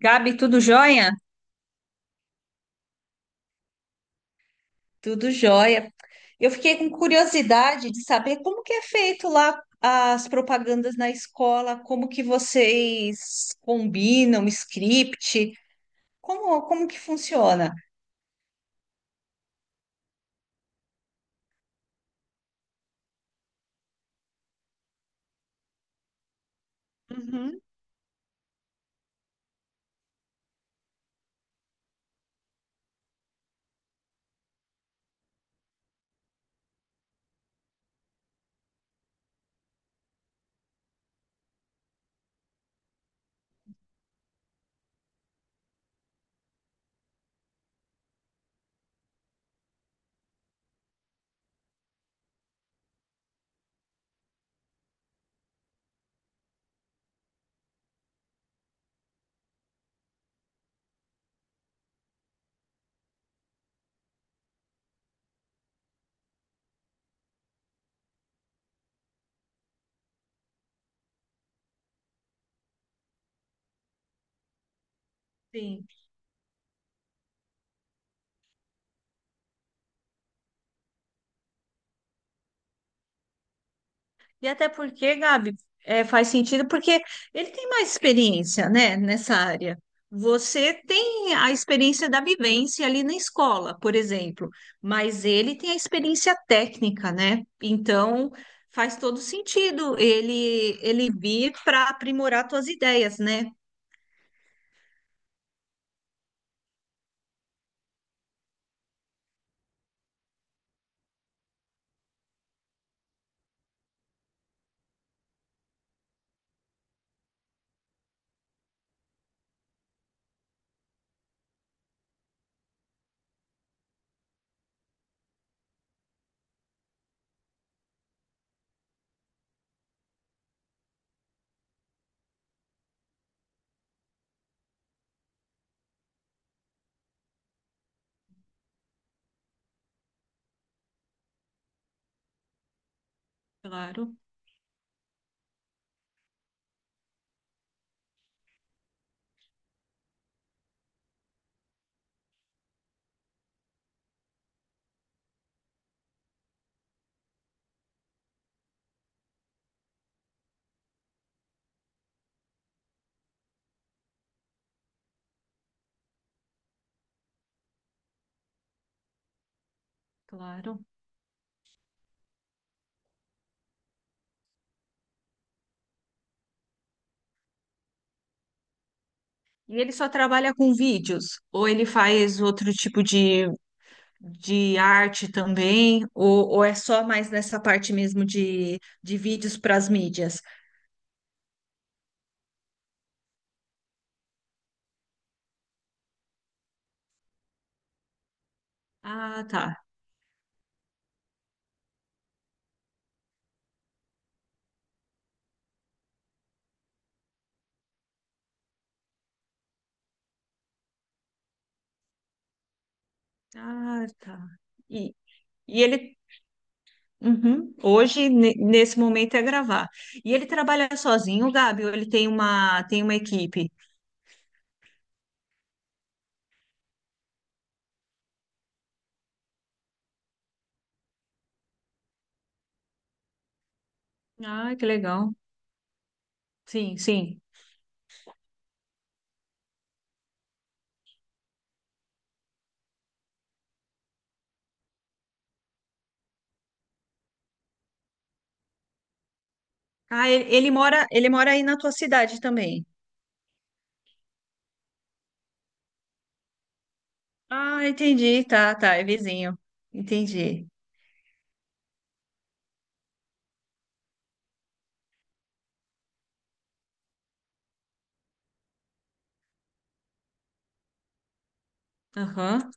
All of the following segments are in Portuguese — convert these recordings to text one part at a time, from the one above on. Gabi, tudo jóia? Tudo jóia. Eu fiquei com curiosidade de saber como que é feito lá as propagandas na escola, como que vocês combinam, script, como que funciona? Sim. E até porque, Gabi, é, faz sentido porque ele tem mais experiência, né, nessa área. Você tem a experiência da vivência ali na escola, por exemplo, mas ele tem a experiência técnica, né? Então faz todo sentido ele vir para aprimorar tuas ideias, né? Claro, claro. E ele só trabalha com vídeos, ou ele faz outro tipo de arte também, ou é só mais nessa parte mesmo de vídeos para as mídias? Ah, tá. Ah, tá. E, e ele, uhum, hoje, nesse momento, é gravar. E ele trabalha sozinho, Gabi, ou ele tem uma equipe? Ah, que legal. Sim, sim. Ah, ele, ele mora aí na tua cidade também. Ah, entendi. Tá, tá, é vizinho. Entendi. Aham.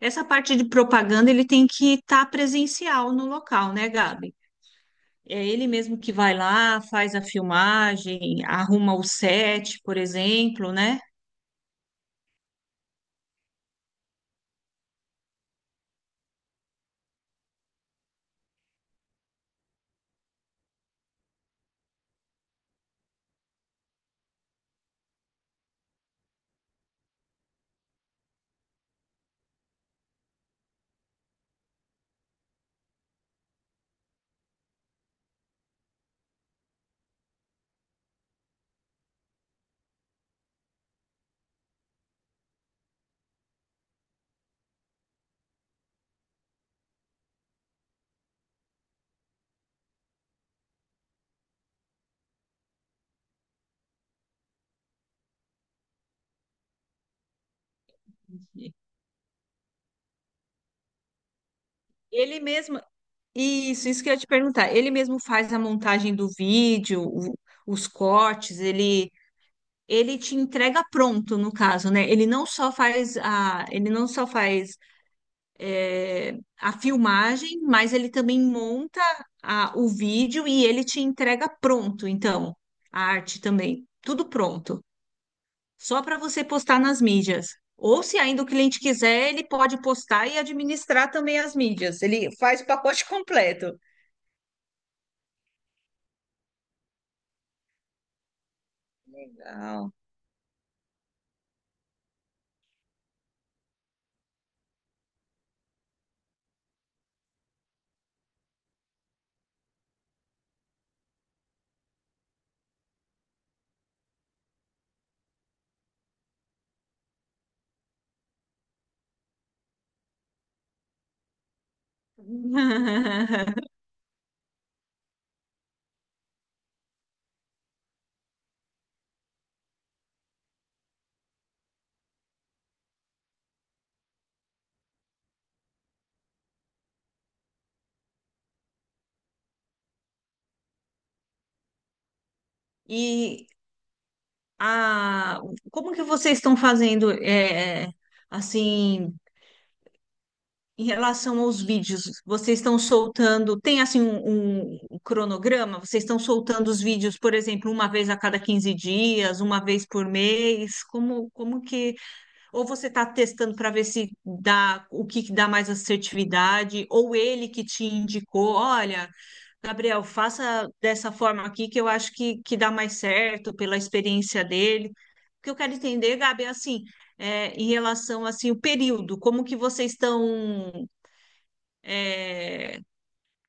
Essa parte de propaganda ele tem que estar presencial no local, né, Gabi? É ele mesmo que vai lá, faz a filmagem, arruma o set, por exemplo, né? Ele mesmo, isso que eu ia te perguntar. Ele mesmo faz a montagem do vídeo, o- os cortes, ele te entrega pronto, no caso, né? Ele não só faz a, ele não só faz é, a filmagem, mas ele também monta a- o vídeo e ele te entrega pronto, então, a arte também, tudo pronto, só para você postar nas mídias. Ou se ainda o cliente quiser, ele pode postar e administrar também as mídias. Ele faz o pacote completo. Legal. E a, como que vocês estão fazendo, é, assim? Em relação aos vídeos, vocês estão soltando, tem assim um, um cronograma? Vocês estão soltando os vídeos, por exemplo, uma vez a cada 15 dias, uma vez por mês? Como, como que. Ou você está testando para ver se dá o que, que dá mais assertividade, ou ele que te indicou, olha, Gabriel, faça dessa forma aqui que eu acho que dá mais certo pela experiência dele. O que eu quero entender, Gabi, é assim, é, em relação assim o período, como que vocês estão é,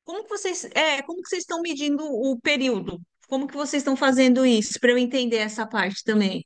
como que vocês, é, como que vocês estão medindo o período? Como que vocês estão fazendo isso para eu entender essa parte também?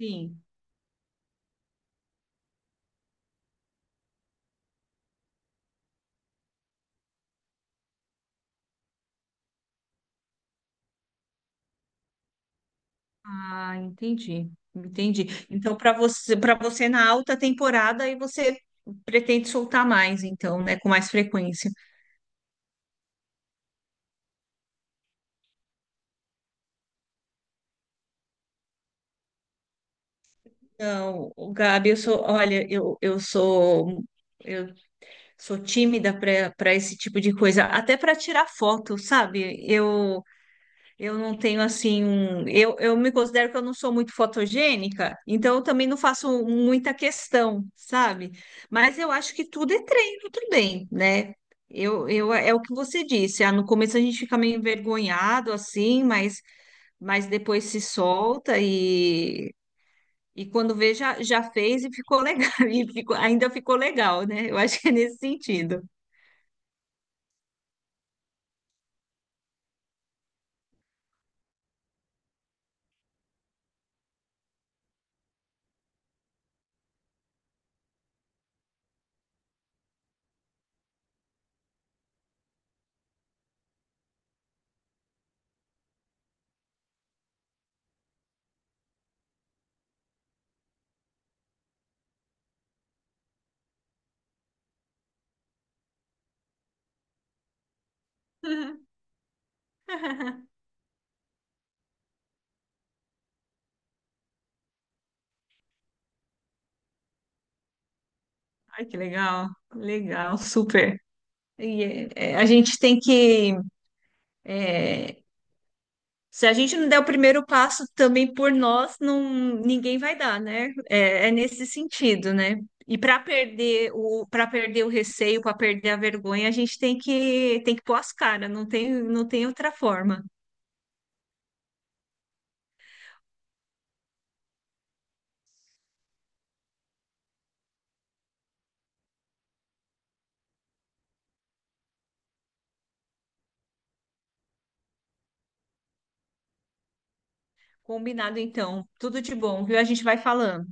Sim. Ah, entendi. Entendi. Então, para você na alta temporada, aí você pretende soltar mais, então, né, com mais frequência. Não, o Gabi, olha, eu sou tímida para esse tipo de coisa, até para tirar foto, sabe? Eu não tenho assim um. Eu me considero que eu não sou muito fotogênica, então eu também não faço muita questão, sabe? Mas eu acho que tudo é treino também, né? É o que você disse. Ah, no começo a gente fica meio envergonhado, assim, mas depois se solta e quando vê, já fez e ficou legal. E ficou, ainda ficou legal, né? Eu acho que é nesse sentido. Ai, que legal, legal, super. E é, é, a gente tem que. É, se a gente não der o primeiro passo também por nós, não, ninguém vai dar, né? É, é nesse sentido, né? E para perder o receio, para perder a vergonha, a gente tem que pôr as caras, não tem, não tem outra forma. Combinado, então. Tudo de bom, viu? A gente vai falando.